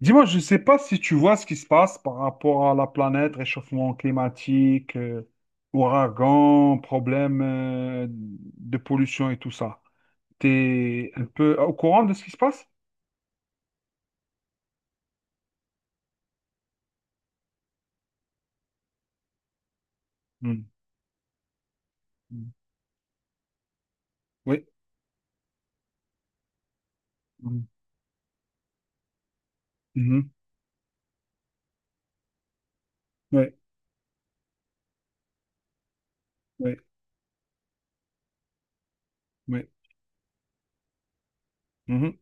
Dis-moi, je ne sais pas si tu vois ce qui se passe par rapport à la planète, réchauffement climatique, ouragan, problème de pollution et tout ça. Tu es un peu au courant de ce qui se passe? Mm. Mm. Oui. Mm. Mhm. Oui. Oui. Oui. Mhm.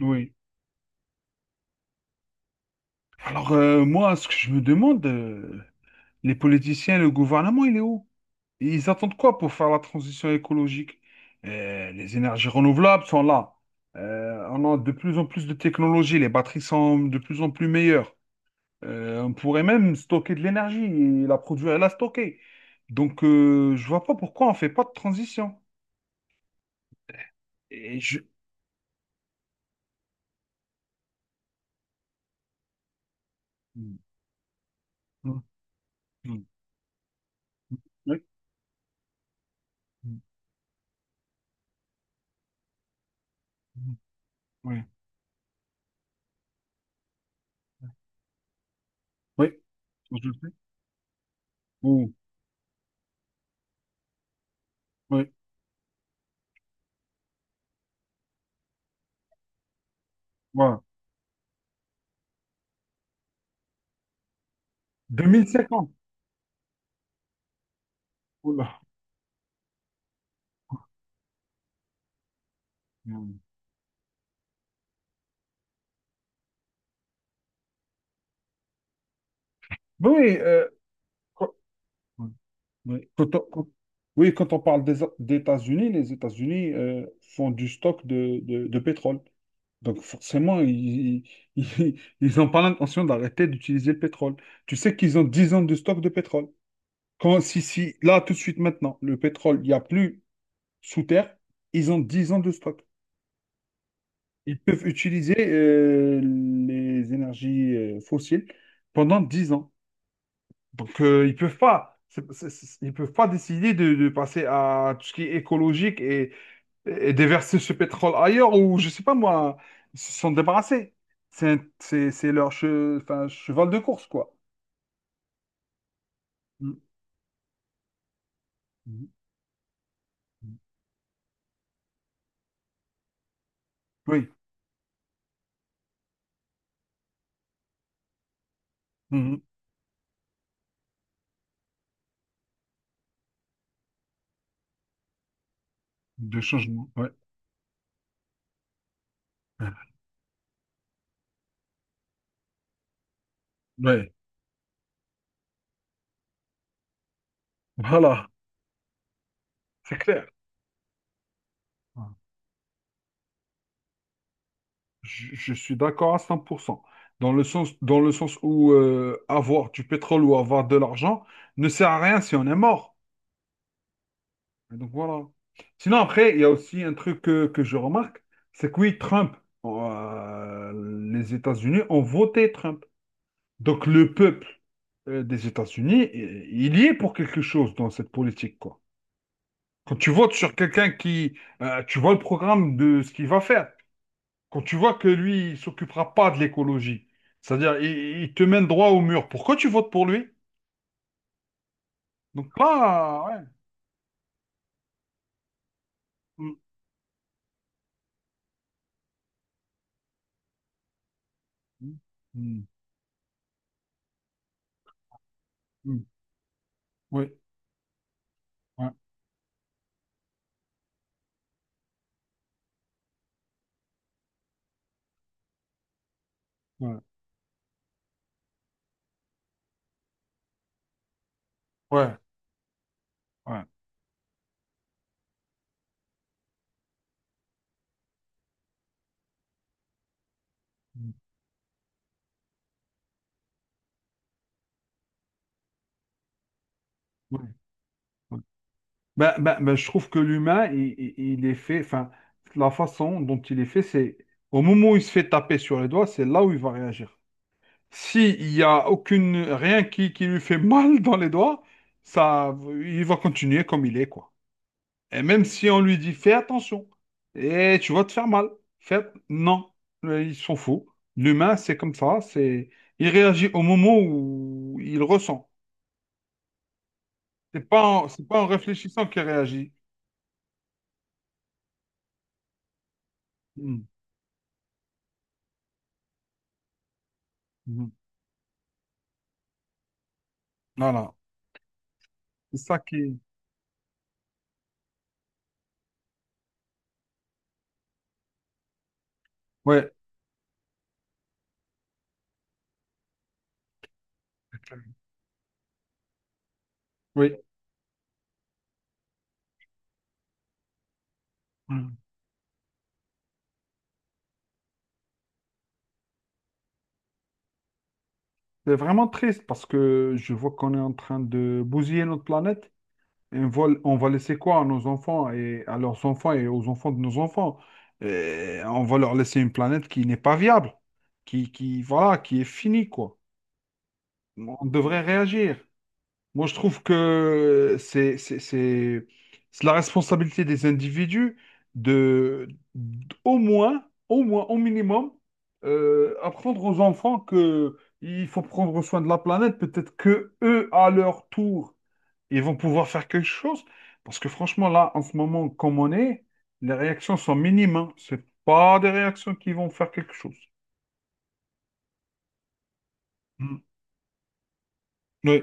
Oui. Alors, moi, ce que je me demande, les politiciens, le gouvernement, il est où? Ils attendent quoi pour faire la transition écologique? Les énergies renouvelables sont là. On a de plus en plus de technologies, les batteries sont de plus en plus meilleures. On pourrait même stocker de l'énergie et la produire et la stocker. Donc, je vois pas pourquoi on fait pas de transition. Et je... Mm, mm, mm, oui, mm, mm, oui, oui, je le sais. Oui, oui, voilà. 2050. Oula. Mm. Oui, quoi- oui, oui, quand on parle des États-Unis, les États-Unis font du stock de pétrole. Donc forcément, ils, ils n'ont pas l'intention d'arrêter d'utiliser le pétrole. Tu sais qu'ils ont 10 ans de stock de pétrole. Si, si, là, tout de suite, maintenant, le pétrole, il n'y a plus sous terre, ils ont 10 ans de stock. Ils peuvent utiliser les énergies fossiles pendant 10 ans. Donc, ils peuvent pas, ils peuvent pas décider de passer à tout ce qui est écologique et déverser ce pétrole ailleurs ou, je sais pas moi, ils se sont débarrassés. C'est leur cheval de course, quoi. Mm. Mm. Oui. Mhm. De changement, ouais. Ouais. Voilà, c'est clair. Je suis d'accord à 100%. Dans le sens où avoir du pétrole ou avoir de l'argent ne sert à rien si on est mort. Donc voilà. Sinon, après, il y a aussi un truc que je remarque, c'est que oui, Trump, euh, les États-Unis ont voté Trump. Donc le peuple des États-Unis, il y est pour quelque chose dans cette politique, quoi. Quand tu votes sur quelqu'un qui, tu vois le programme de ce qu'il va faire. Quand tu vois que lui, il s'occupera pas de l'écologie, c'est-à-dire il te mène droit au mur. Pourquoi tu votes pour lui? Donc là, ouais. Mm, mm, mm, mm. Oui, ouais, ouais, ouais, ouais. Ouais, ouais. Bah, bah, bah, je trouve que l'humain, il est fait, enfin, la façon dont il est fait, c'est au moment où il se fait taper sur les doigts, c'est là où il va réagir. S'il n'y a aucune, rien qui lui fait mal dans les doigts, ça, il va continuer comme il est, quoi. Et même si on lui dit, fais attention, et tu vas te faire mal, fais, non, il s'en fout. L'humain, c'est comme ça, c'est, il réagit au moment où il ressent. C'est pas en réfléchissant qu'il réagit. Mhm. Voilà. C'est ça qui. Ouais, oui. Mm. C'est vraiment triste parce que je vois qu'on est en train de bousiller notre planète. Et on va laisser quoi à nos enfants et à leurs enfants et aux enfants de nos enfants? Et on va leur laisser une planète qui n'est pas viable, voilà, qui est finie, quoi. On devrait réagir. Moi, je trouve que c'est la responsabilité des individus de, d- au moins, au moins, au minimum, apprendre aux enfants que il faut prendre soin de la planète. Peut-être que eux, à leur tour, ils vont pouvoir faire quelque chose. Parce que franchement, là, en ce moment, comme on est, les réactions sont minimes. Hein. C'est pas des réactions qui vont faire quelque chose. Mm. Oui,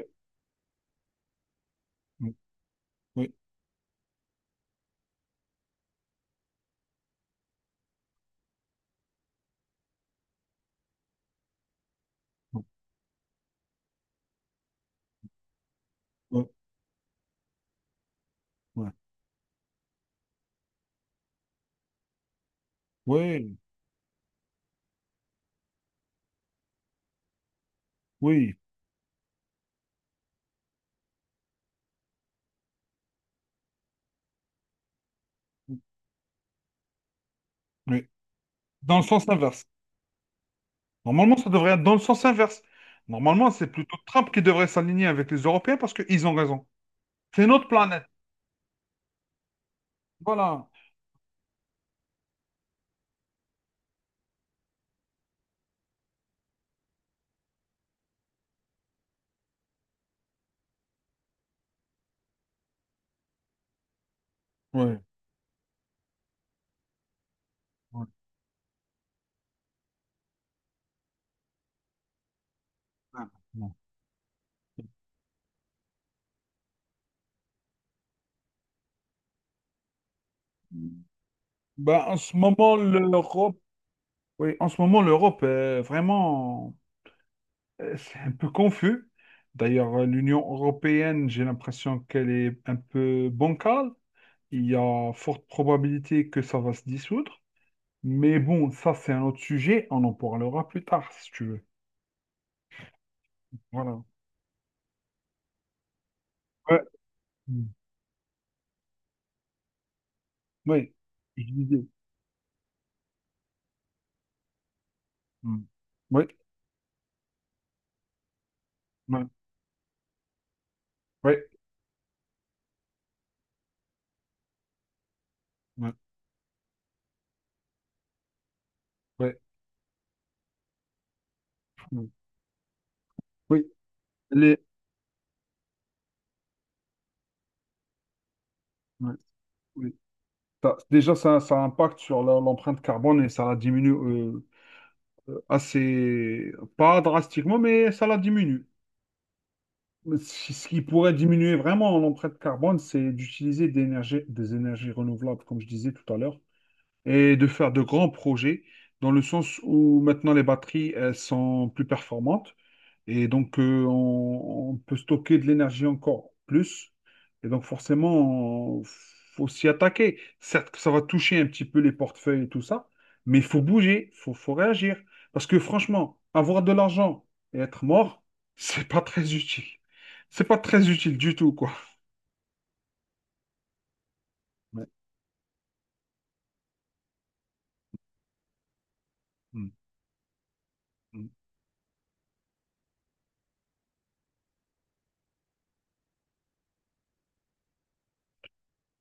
oui, oui, oui, oui, oui, oui. Oui. Dans le sens inverse. Normalement, ça devrait être dans le sens inverse. Normalement, c'est plutôt Trump qui devrait s'aligner avec les Européens parce qu'ils ont raison. C'est notre planète. Voilà. Ouais. Ouais. Ouais. Ben, en ce moment, l'Europe, oui, en ce moment, l'Europe est vraiment, c'est un peu confus. D'ailleurs, l'Union européenne, j'ai l'impression qu'elle est un peu bancale. Il y a forte probabilité que ça va se dissoudre. Mais bon, ça, c'est un autre sujet. On en parlera plus tard, si tu veux. Voilà. Ouais. Oui, je disais. Mm. Oui, oui, oui, oui, oui, oui. Oui, les- oui, oui. Ça- déjà, ça impacte sur la- l'empreinte carbone et ça la diminue assez, pas drastiquement, mais ça la diminue. Mais ce qui pourrait diminuer vraiment l'empreinte carbone, c'est d'utiliser des énergies renouvelables, comme je disais tout à l'heure, et de faire de grands projets, dans le sens où maintenant les batteries, elles sont plus performantes. Et donc, on peut stocker de l'énergie encore plus. Et donc, forcément, il faut s'y attaquer. Certes que ça va toucher un petit peu les portefeuilles et tout ça, mais il faut bouger, faut réagir. Parce que franchement, avoir de l'argent et être mort, c'est pas très utile. C'est pas très utile du tout, quoi. Ouais. Mm.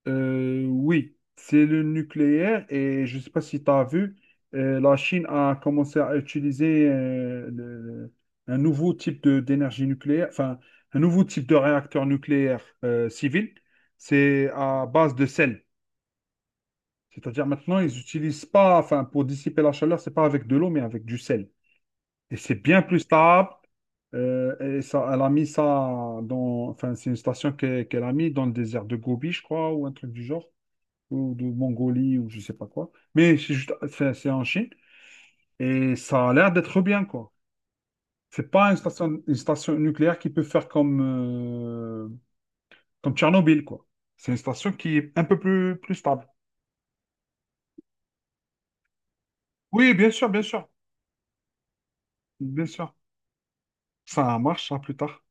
Oui, c'est le nucléaire et je ne sais pas si tu as vu, la Chine a commencé à utiliser un nouveau type d'énergie nucléaire, enfin un nouveau type de réacteur nucléaire civil. C'est à base de sel. C'est-à-dire maintenant, ils n'utilisent pas, enfin pour dissiper la chaleur, c'est pas avec de l'eau, mais avec du sel. Et c'est bien plus stable. Et ça, elle a mis ça dans, enfin c'est une station qu'elle a mis dans le désert de Gobi, je crois, ou un truc du genre ou de Mongolie ou je sais pas quoi. Mais c'est juste, c'est en Chine et ça a l'air d'être bien quoi. C'est pas une station, une station nucléaire qui peut faire comme comme Tchernobyl quoi. C'est une station qui est un peu plus stable. Oui, bien sûr, bien sûr, bien sûr. Ça marche, ça, plus tard.